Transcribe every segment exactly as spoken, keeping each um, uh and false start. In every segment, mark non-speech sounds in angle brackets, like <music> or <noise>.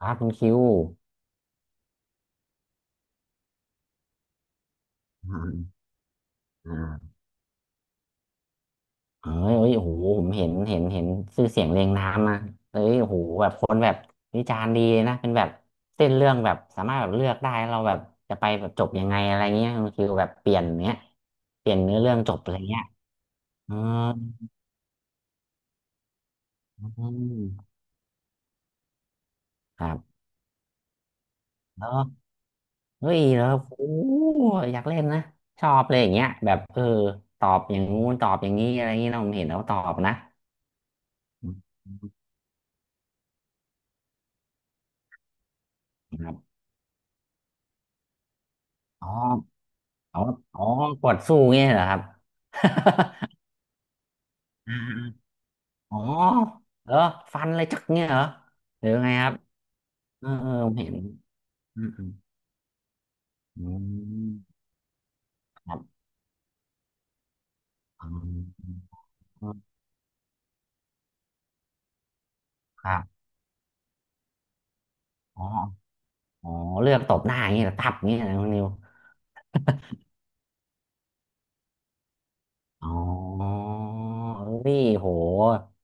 ครับคุณคิวอ่าอ่าเอ้ยเอ้ยโอ้โหผมเห็นเห็นเห็นชื่อเสียงเรียงนามนะเอ้ยโอ้โหแบบคนแบบวิจารณ์ดีนะเป็นแบบเส้นเรื่องแบบสามารถแบบเลือกได้เราแบบจะไปแบบจบยังไงอะไรเงี้ยคุณคิวแบบเปลี่ยนเนี้ยเปลี่ยนเนื้อเรื่องจบอะไรเงี้ยอืมครับแล้วเฮ้ยแล้วโอ้โหอยากเล่นนะชอบเลยอย่างเงี้ยแบบเออตอบอย่างงู้นตอบอย่างนี้อะไรเงงี้ยเราเห็นแล้วตอบนะครับอ๋อ อ๋ออ๋อกดสู้เงี้ยเหรอครับ <laughs> อ่าอ๋อเหรอฟันเลยจักเงี้ยเหรอหรือไงครับเออเออผมเห็นอืมอืมอืมครับอืมครับอ๋ออ๋อเลือกตบหน้าอย่างเงี้ยเหรอตับอย่างเงี้ยนะคุณนิวอ๋อเี่โห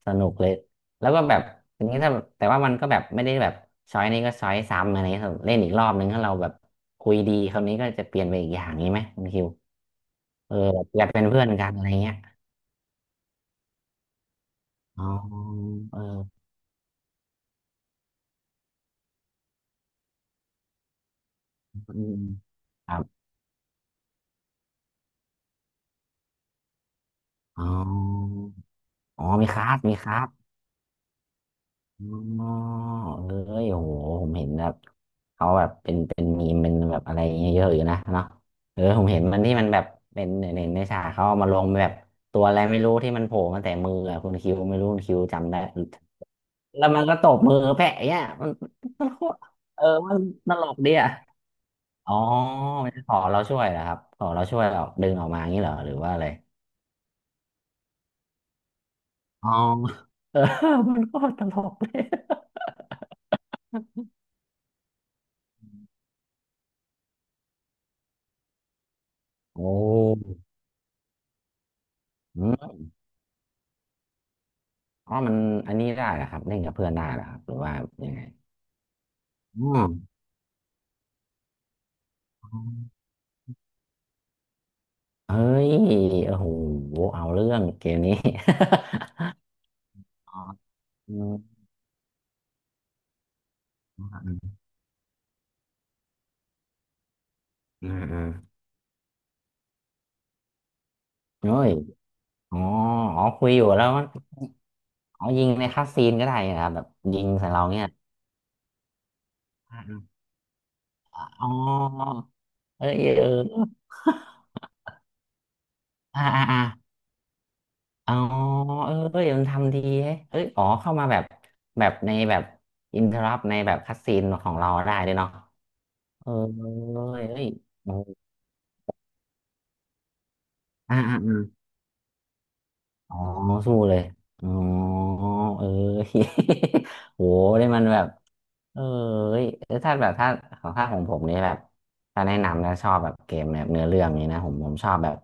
สนุกเลยแล้วก็แบบอย่างนี้ถ้าแบบแต่ว่ามันก็แบบไม่ได้แบบช้อยนี้ก็ช้อยซ้ำอะไรเงี้ยครับเล่นอีกรอบนึงถ้าเราแบบคุยดีคราวนี้ก็จะเปลี่ยนไปอีกอย่างนี้ไหมคุณคิว เออแบบอยากเป็นเพื่อนกันอะไรเงี้ยอ๋อเอออืมครับอ๋ออ๋อมีคลาสมีคลาสอ๋อเอ้ยโอ้โหผมเห็นแบบเขาแบบเป็นเป็นมีมเป็นแบบอะไรเงี้ยเยอะอยู่นะเนาะเออผมเห็นมันที่มันแบบเป็นเห็นในฉากเขาเอามาลงแบบตัวอะไรไม่รู้ที่มันโผล่มาแต่มืออะคุณคิวไม่รู้คุณคิวจำได้แล้วมันก็ตบมือแพะอย่างเงี้ยมันมันโคตรเออมันตลกดีอะ อ๋อไมันขอเราช่วยนะครับขอเราช่วยออกดึงออกมาอย่างนี้เหรอหรือว่าอะไรอ๋อเออ <laughs> มันก็ตลกเลยโอ้อืมอ๋อมันอันนี้ได้เหรอครับเล่นกับเพื่อนได้เหรอครับหรือว่ายังไงอืมเฮ้ยโอ้โหเอาเรื่องเกมนี้ <laughs> อ๋ออืมอืมอืมเฮ้ยอ๋ออ๋อคุยอยู่แล้วมันเอยิงในคัสซีนก็ได้นะครับแบบยิงใส่เราเนี่ยออ๋อเออเออ อ่าอ่าอ่าอ๋อเออเอ้ยมันทำดีเฮ้ยเอ้ยอ๋อเข้ามาแบบแบบในแบบอินเทอรัในแบบคัสซีนของเราได้ด้วยเนาะเออเอ้ยเอ้ยโอ้อ่าอ่า อ๋อสู้เลยอ๋อเออ <laughs> โหได้มันแบบเออเอ้ยเอ้ยถ้าแบบถ้าของถ้าของผมนี่แบบถ้าแนะนำแล้วชอบแบบเกมแบบเนื้อเรื่องนี้นะผมผมชอบแบบ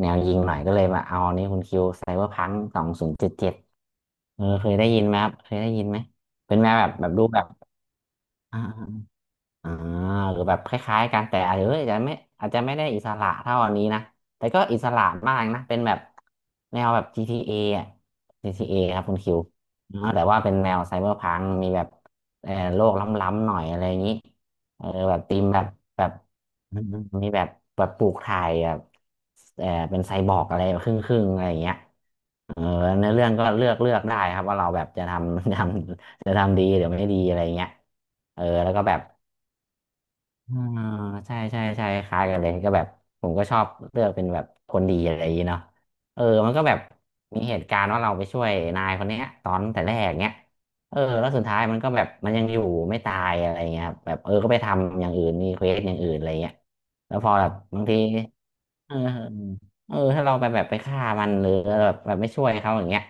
แนวยิงหน่อยก็เลยมาเอาอันนี้คุณคิวไซเบอร์พังสองศูนย์เจ็ดเจ็ดเออเคยได้ยินไหมครับเคยได้ยินไหมเป็นแนวแบบแบบรูปแบบอ่า อ่าหรือแบบคล้ายๆกันแต่อาจจะเอยอาจจะไม่อาจจะไม่ได้อิสระเท่าอันนี้นะแต่ก็อิสระมากนะเป็นแบบแนวแบบ จี ที เอ ออะ ที เอ ครับคุณคิวเนาะแต่ว่าเป็นแนวไซเบอร์พังมีแบบเออโลกล้ำๆหน่อยอะไรอย่างนี้เออแบบธีมแบบแบบอืมมีแบบแบบปลูกถ่ายแบบเออเป็นไซบอร์กอะไรครึ่งๆอะไรอย่างเงี้ยเออเนื้อเรื่องก็เลือกเลือกได้ครับว่าเราแบบจะทำ <laughs> จะทำจะทำดีหรือไม่ดีอะไรเงี้ยเออแล้วก็แบบ อ่าใช่ใช่ใช่คล้ายกันเลยก็แบบผมก็ชอบเลือกเป็นแบบคนดีอะไรอย่างงี้เนาะเออมันก็แบบมีเหตุการณ์ว่าเราไปช่วยนายคนเนี้ยตอนแต่แรกเนี้ยเออแล้วสุดท้ายมันก็แบบมันยังอยู่ไม่ตายอะไรเงี้ยครับแบบเออก็ไปทำอย่างอื่นมีเควสอย่างอื่นอะไรเงี้ยแล้วพอแบบบางที เออเออเออถ้าเราไปแบบไปฆ่ามันหรือแบบแบบไม่ช่วยเขาอย่างเงี้ย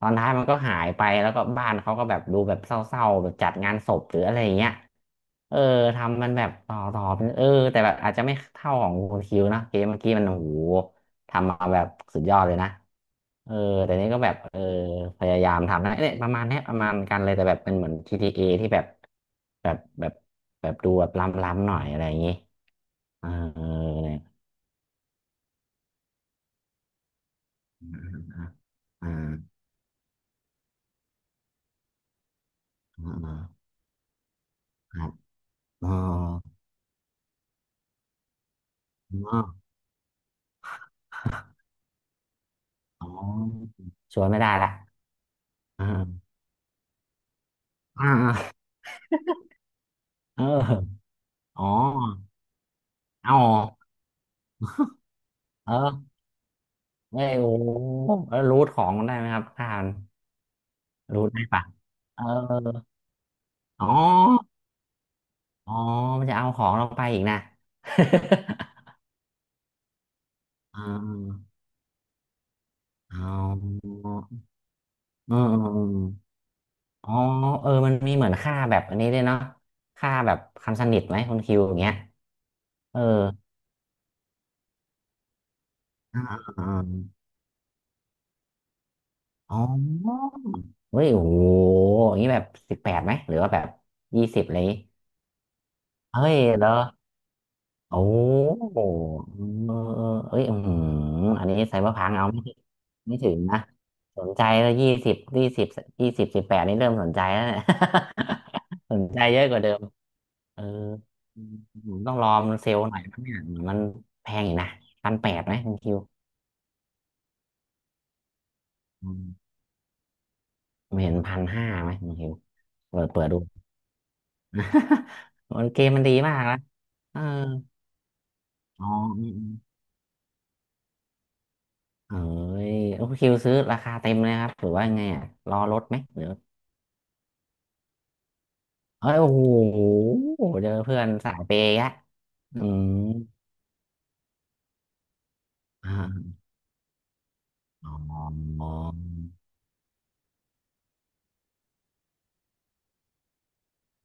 ตอนท้ายมันก็หายไปแล้วก็บ้านเขาก็แบบดูแบบเศร้าๆแบบจัดงานศพหรืออะไรอย่างเงี้ยเออทำมันแบบต่อต่อเป็นเออแต่แบบอาจจะไม่เท่าของคุณคิวนะเกมเมื่อกี้มันโอ้โหทำมาแบบสุดยอดเลยนะเออแต่นี่ก็แบบเออพยายามทำนะเนี่ยประมาณเนี้ยประมาณกันเลยแต่แบบเป็นเหมือนจี ที เอที่แบบแบบแบบแบบดูแบบล้ำๆหน่อยอะไรอย่างงี้เออเนี่ย อ่าอ่าอ่าครับเอออ๋ออ๋อชวนไม่ได้ละอ่าอ่าอ่าเอออ๋อเอาเออไม่โอ้แล้วรูทของมันได้ไหมครับอ่านรูทได้ปะเอออ๋ออ๋อมันจะเอาของเราไปอีกนะ <laughs> อ่าเอาเออเออเอออ๋อเออมันมีเหมือนค่าแบบอันนี้ด้วยเนาะค่าแบบคำสนิทไหมคุณคิวอย่างเงี้ยเอออ่า อ๋อเฮ้ยโอ้โหอย่างนี้แบบสิบแปดไหมหรือว่าแบบยี่สิบอะไรอย่างงี้เฮ้ยเหรอโอ้โหเออเออเอ้ยอืมอันนี้ไซเบอร์พังเอาไม่ถึงไม่ถึงนะสนใจแล้วยี่สิบยี่สิบยี่สิบสิบแปดนี่เริ่มสนใจแล้วเนี่ย <laughs> สนใจเยอะกว่าเดิมเอออืมผมต้องรอมันเซลล์หน่อยนังเนี่ยเหมือนมันแพงอยู่นะพันแปดไหมคุณคิวอืมผมเห็นพันห้าไหมคุณคิวเปิดเปิดดู <laughs> โอ้ยเกมมันดีมากนะเอออ๋ออืมๆเอ้ยโอคิวซื้อราคาเต็มเลยครับหรือว่าไงอ่ะรอลดไหมหรือเอ้ย โอ้โหเจอเพื่อนสายเปย์อะอืม <laughs> อ่าอ๋อ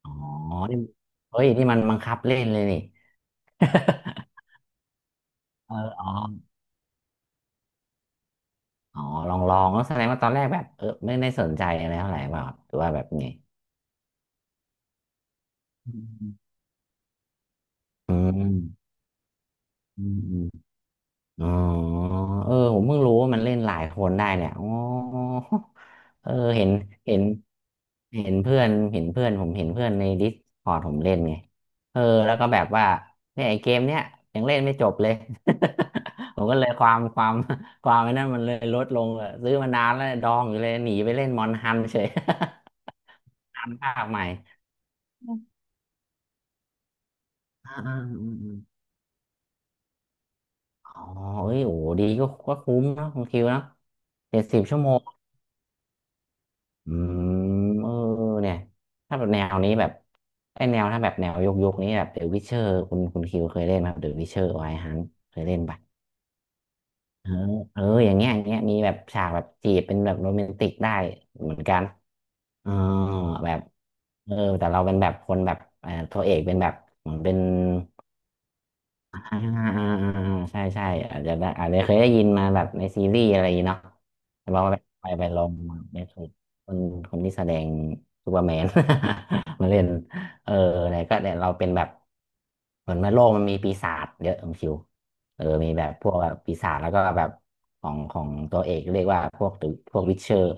อ๋ออ๋อนี่เฮ้ยนี่มันบังคับเล่นเลยนี่ <laughs> เอออ๋ออ๋อลองลองแล้วแสดงว่าตอนแรกแบบเออไม่ได้สนใจอะไรเท่าไหร่เปล่าหรือว่าแบบไงอืมอืมอืม อ๋อเออผมเพิ่งรู้ว่ามันเล่นหลายคนได้เนี่ยอ๋อเออเห็นเห็นเห็นเพื่อนเห็นเพื่อนผมเห็นเพื่อนในดิสคอร์ดผมเล่นไงเออแล้วก็แบบว่าเนี่ยไอ้เกมเนี้ยยังเล่นไม่จบเลย <laughs> ผมก็เลยความความความไอ้นั่นมันเลยลดลงเลยซื้อมานานแล้วดองอยู่เลยหนีไปเล่นมอนฮันเฉย <laughs> ฮันภาคใหม่อ่าอ่าอืมอมอ๋อเอ้ยโอ้ดีก็ก็คุ้มเนาะคุณคิวเนาะเจ็ดสิบชั่วโม อืมเออเนี่ยถ้าแบบแนวนี้แบบไอ้แนวถ้าแบบแนวยกยกนี้แบบเดอะวิเชอร์คุณคุณคิวเคยเล่นไหมเดอะวิเชอร์ไวฮันเคยเล่นปะเออเอออย่างเงี้ยอย่างเงี้ยมีแบบฉากแบบจีบเป็นแบบโรแมนติกได้เหมือนกันเออแบบเออแต่เราเป็นแบบคนแบบเออตัวเอกเป็นแบบเหมือนเป็น อ่าอ่าอ่าอ่าใช่ใช่อาจจะได้อาจจะเคยได้ยินมาแบบในซีรีส์อะไรอย่างงี้เนาะแต่ว่าไปไปไปลองเนถตกคนคนที่แสดงซูเปอร์แมน <laughs> มาเล่นเอออะไรก็เนี่ยเราเป็นแบบเหมือนว่าโลกมันมีปีศาจเยอะคุณคิวเออมีแบบพวกแบบปีศาจแล้วก็แบบของของตัวเอกเรียกว่าพวกพวกวิชเชอร์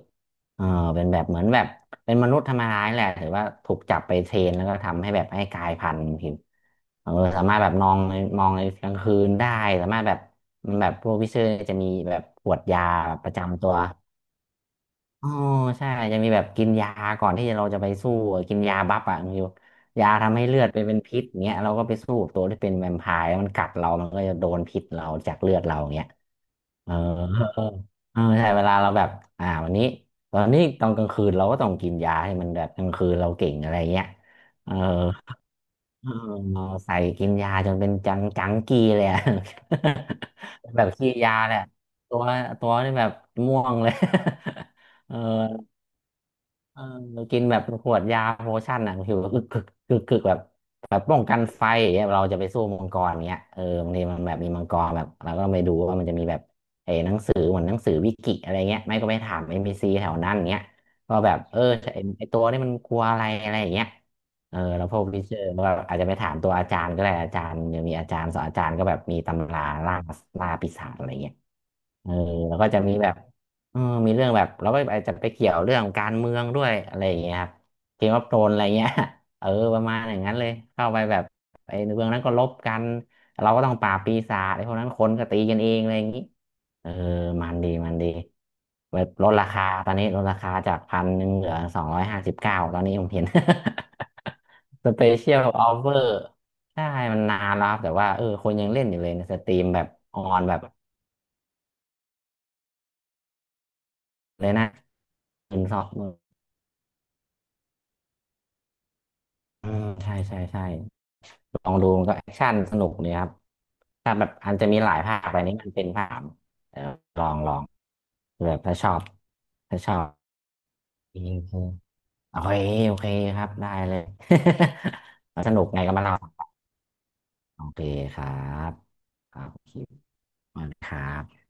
เออเป็นแบบเหมือนแบบ เป็นมนุษย์ธรรมดานี่แหละถือว่าถูกจับไปเทรนแล้วก็ทำให้แบบให้กลายพันธุ์ผิวเออสามารถแบบนองในมองในกลางคืนได้สามารถแบบมันแบบพวกวิเชอร์จะมีแบบขวดยาแบบประจำตัวอ๋อใช่จะมีแบบกินยาก่อนที่เราจะไปสู้อะกินยาบัฟอ่ะคณฟิวยาทำให้เลือดไปเป็นพิษเงี้ยเราก็ไปสู้กับตัวที่เป็นแวมไพร์แล้วมันกัดเรามันก็จะโดนพิษเราจากเลือดเราเงี้ย เออเออเออใช่เวลาเราแบบอ่าวันนี้ตอนนี้ตอนกลางคืนเราก็ต้องกินยาให้มันแบบกลางคืนเราเก่งอะไรเงี้ยเออเออใส่กินยาจนเป็นจังจังกีเลยอะ <laughs> แบบขี้ยาแหละตัวตัวนี่แบบม่วงเลย <laughs> เออ เออกินแบบขวดยาโพชั่นอ่ะผิวกึกึกกึกกึกแบบแบบป้องกันไฟอย่างเงี้ยเราจะไปสู้มังกรเงี้ยเออบางทีมันแบบมีมังกรแบบเราก็ต้องไปดูว่ามันจะมีแบบเออหนังสือเหมือนหนังสือวิกิอะไรเงี้ยไม่ก็ไปถามเอ็มพีซีแถวนั้นเงี้ยก็แบบเออไอ้ไอตัวนี่มันกลัวอะไรอะไรอย่างเงี้ยเออแล้วพวกวิเชอร์ก็อาจจะไปถามตัวอาจารย์ก็ได้อาจารย์ยังมีอาจารย์สอนอาจารย์ก็แบบมีตำราล่าล่าปีศาจอะไรเงี้ยเออแล้วก็จะมีแบบ เออมีเรื่องแบบเราไปอาจจะไปเกี่ยวเรื่องการเมืองด้วยอะไรอย่างเงี้ยครับเกมออฟโธรนอะไรเงี้ย <laughs> เออประมาณอย่างนั้นเลยเข้าไปแบบไอ้เมืองนั้นก็ลบกันเราก็ต้องปราบปีศาจไอ้พวกนั้นคนก็ตีกันเองอะไรอย่างงี้เออมันดีมันดีแบบลดราคาตอนนี้ลดราคาจากพันหนึ่งเหลือสองร้อยห้าสิบเก้าตอนนี้ผมเห็น <laughs> สเปเชียลออฟเฟอร์ใช่มันนานแล้วครับแต่ว่าเออคนยังเล่นอยู่เลยในสตรีมแบบออนแบบเลยนะหมื่นสอง อืมใช่ใช่ใช่ลองดูมันก็แอคชั่นสนุกดีครับถ้าแบบอันจะมีหลายภาคไปนี้มันเป็นภาคเออลองลองแบบถ้าชอบถ้าชอบโอเคโอเคโอเคครับได้เลย <laughs> สนุกไงก็มาเล่าโอเคครับครับคิวขอบคุณครับ